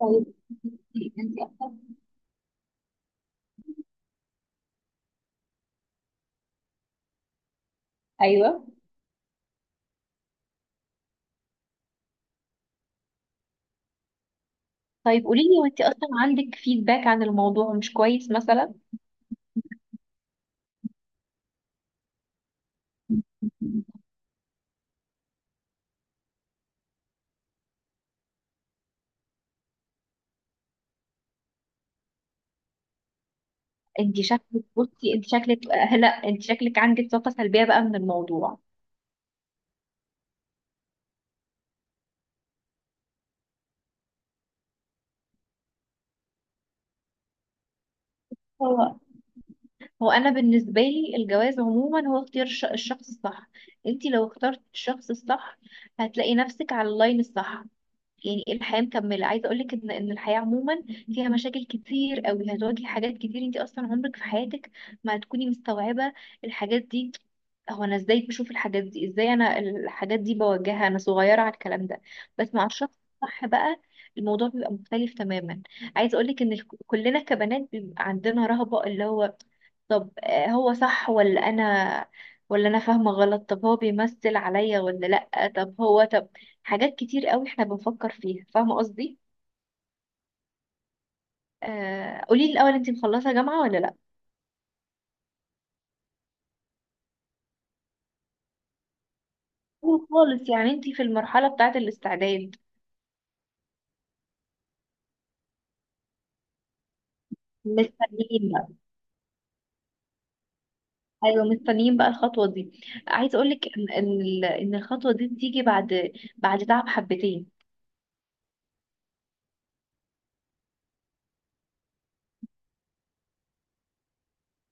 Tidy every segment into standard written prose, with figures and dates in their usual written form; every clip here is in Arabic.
طيب. انت اصلا. ايوه. طيب قولي لي، وانت اصلا عندك فيدباك عن الموضوع مش كويس مثلا؟ انت شكلك بصي انت شكلك آه، لا، انت شكلك عندك طاقة سلبية بقى من الموضوع. هو هو انا بالنسبة لي الجواز عموما هو اختيار الشخص الصح. انت لو اخترت الشخص الصح، هتلاقي نفسك على اللاين الصح. يعني إيه الحياه مكمله؟ عايزه اقول لك ان الحياه عموما فيها مشاكل كتير قوي، هتواجهي حاجات كتير، انت اصلا عمرك في حياتك ما هتكوني مستوعبه الحاجات دي. هو انا ازاي بشوف الحاجات دي؟ ازاي انا الحاجات دي بواجهها؟ انا صغيره على الكلام ده. بس مع الشخص الصح بقى، الموضوع بيبقى مختلف تماما. عايزه اقول لك ان كلنا كبنات بيبقى عندنا رهبه، اللي هو طب هو صح ولا انا ولا انا فاهمه غلط؟ طب هو بيمثل عليا ولا لا؟ طب هو طب حاجات كتير قوي احنا بنفكر فيها، فاهمة قصدي؟ قولي لي الاول، انتي مخلصة جامعة ولا لا؟ أول خالص، يعني انتي في المرحلة بتاعة الاستعداد. مستنيين بقى ايوه، مستنيين بقى الخطوة دي. عايزة اقول لك إن الخطوة دي بتيجي بعد تعب حبتين.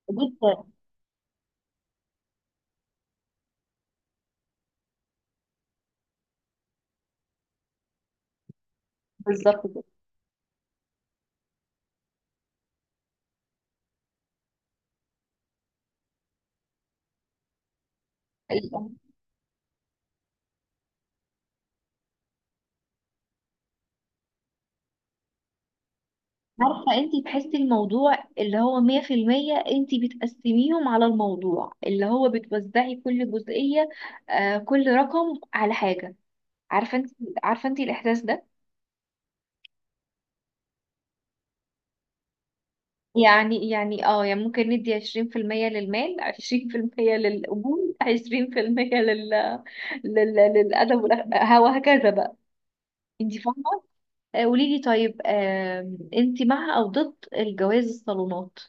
بص، بالظبط كده. أيوة. عارفة انتي تحسي الموضوع اللي هو مية في المية، انتي بتقسميهم على الموضوع، اللي هو بتوزعي كل جزئية، كل رقم على حاجة. عارفة انتي عارفة انتي الإحساس ده؟ يعني ممكن ندي عشرين في المية للمال، عشرين في المية للقبول، عشرين في المية للأدب وهكذا بقى. انت فاهمة؟ قولي لي، طيب انت مع أو ضد الجواز الصالونات؟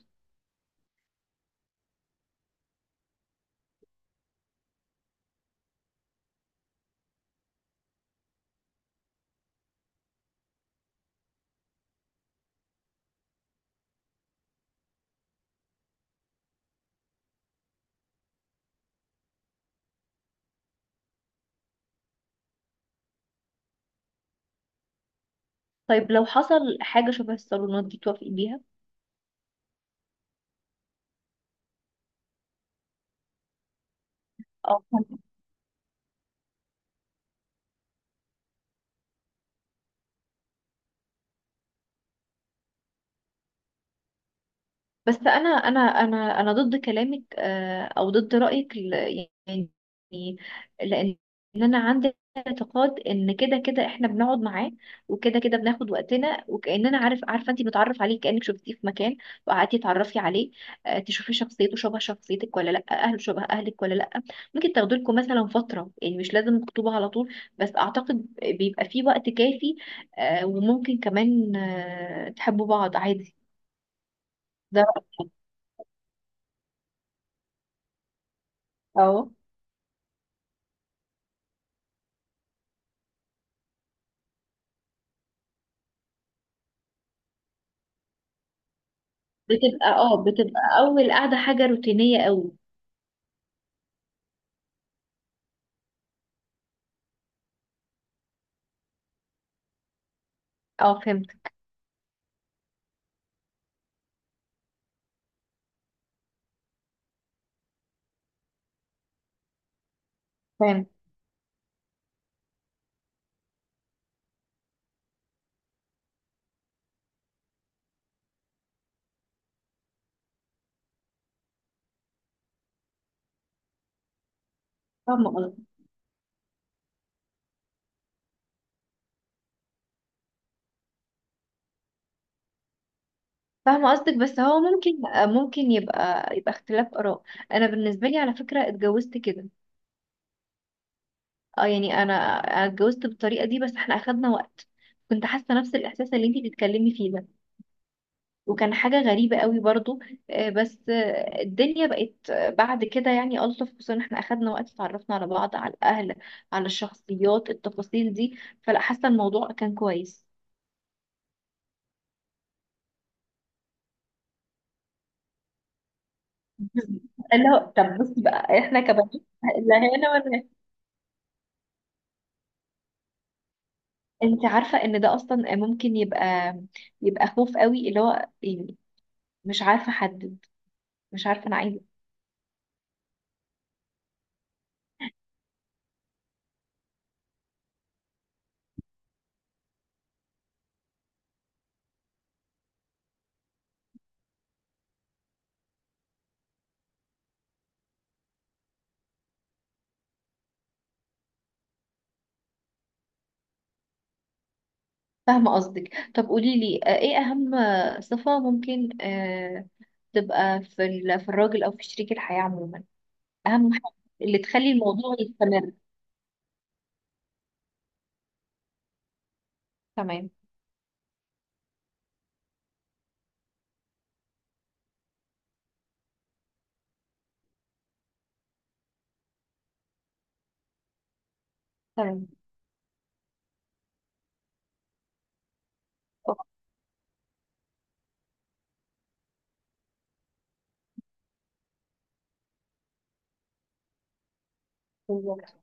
طيب لو حصل حاجة شبه الصالونات دي، توافقي بيها؟ اه، بس انا ضد كلامك، او ضد رايك، يعني لان انا عندي اعتقاد ان كده كده احنا بنقعد معاه، وكده كده بناخد وقتنا، وكاننا عارفه انت متعرف عليه، كانك شفتيه في مكان وقعدتي تعرفي عليه. تشوفي شخصيته شبه شخصيتك ولا لا، اهله شبه اهلك ولا لا. ممكن تاخدوا لكم مثلا فتره، يعني مش لازم خطوبه على طول، بس اعتقد بيبقى في وقت كافي. وممكن كمان تحبوا بعض عادي. ده رأيي. اه بتبقى اول قاعده حاجه روتينيه قوي. اه، فهمت. فهمت. فاهمه قصدك فاهمه قصدك، بس هو ممكن يبقى اختلاف اراء. انا بالنسبه لي على فكره اتجوزت كده. اه يعني انا اتجوزت بالطريقه دي، بس احنا اخدنا وقت. كنت حاسه نفس الاحساس اللي انتي بتتكلمي فيه ده، وكان حاجه غريبه قوي برضو. بس الدنيا بقت بعد كده يعني الطف، خصوصا احنا اخدنا وقت، اتعرفنا على بعض، على الاهل، على الشخصيات، التفاصيل دي، فلا حاسه الموضوع كان كويس. اللي هو طب بصي بقى، احنا كبنات لا هنا ولا هنا. انت عارفه ان ده اصلا ممكن يبقى خوف قوي، اللي هو يعني مش عارفه احدد، مش عارفه انا عايزه. فاهمه قصدك. طب قولي لي، ايه اهم صفه ممكن تبقى في في الراجل او في شريك الحياه عموما، اهم حاجه اللي تخلي الموضوع يستمر. تمام. تمام. أوكي. بالظبط.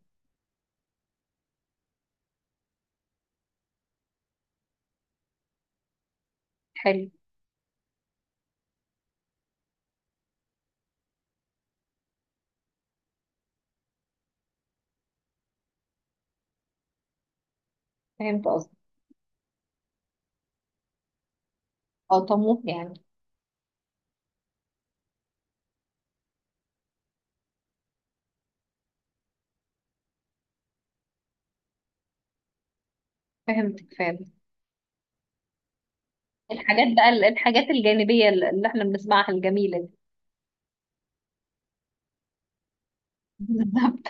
حلو. فهمت قصدك. اه، طموح يعني. فهمتك فعلا. الحاجات بقى، الحاجات الجانبية اللي احنا بنسمعها الجميلة دي. بالظبط.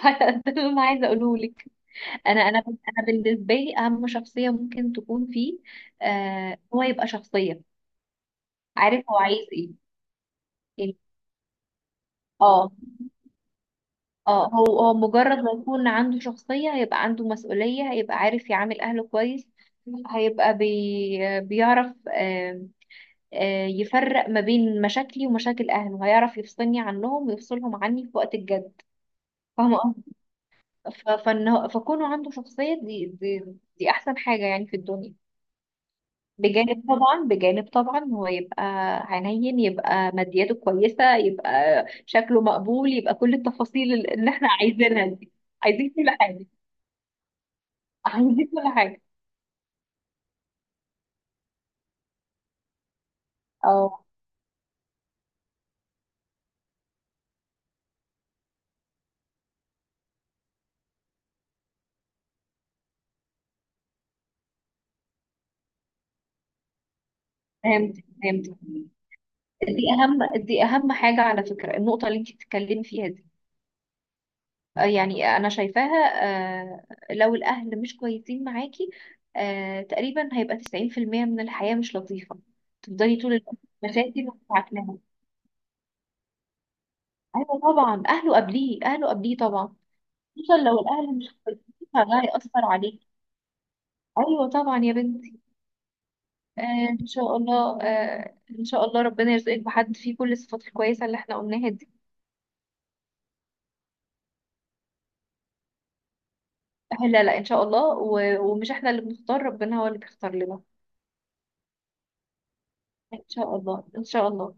ده اللي انا عايزة اقوله لك. انا بالنسبة لي اهم شخصية ممكن تكون فيه، هو يبقى شخصية، عارف هو عايز ايه. يعني اه اه هو مجرد ما يكون عنده شخصية، هيبقى عنده مسؤولية، هيبقى عارف يعامل اهله كويس، هيبقى بيعرف يفرق ما بين مشاكلي ومشاكل اهله، هيعرف يفصلني عنهم ويفصلهم عني في وقت الجد. فاهمة؟ فكونه عنده شخصية، دي احسن حاجة يعني في الدنيا. بجانب طبعا، هو يبقى حنين، يبقى مادياته كويسة، يبقى شكله مقبول، يبقى كل التفاصيل اللي احنا عايزينها دي. عايزين كل حاجة. عايزين كل حاجة. اه، فهمت فهمت. دي اهم دي اهم حاجة على فكرة، النقطة اللي انت بتتكلمي فيها دي. يعني انا شايفاها. آه، لو الاهل مش كويسين معاكي، تقريبا هيبقى 90% من الحياة مش لطيفة. تفضلي طول الوقت في مشاكل ومتعكنها. ايوه طبعا، اهله قبليه، اهله قبليه طبعا. خصوصا لو الاهل مش كويسين، فده هيأثر عليك. ايوه طبعا يا بنتي. آه، ان شاء الله. ان شاء الله ربنا يرزقك بحد فيه كل الصفات الكويسة اللي احنا قلناها دي. لا، لا، ان شاء الله. ومش احنا اللي بنختار، ربنا هو اللي بيختار لنا. ان شاء الله، ان شاء الله.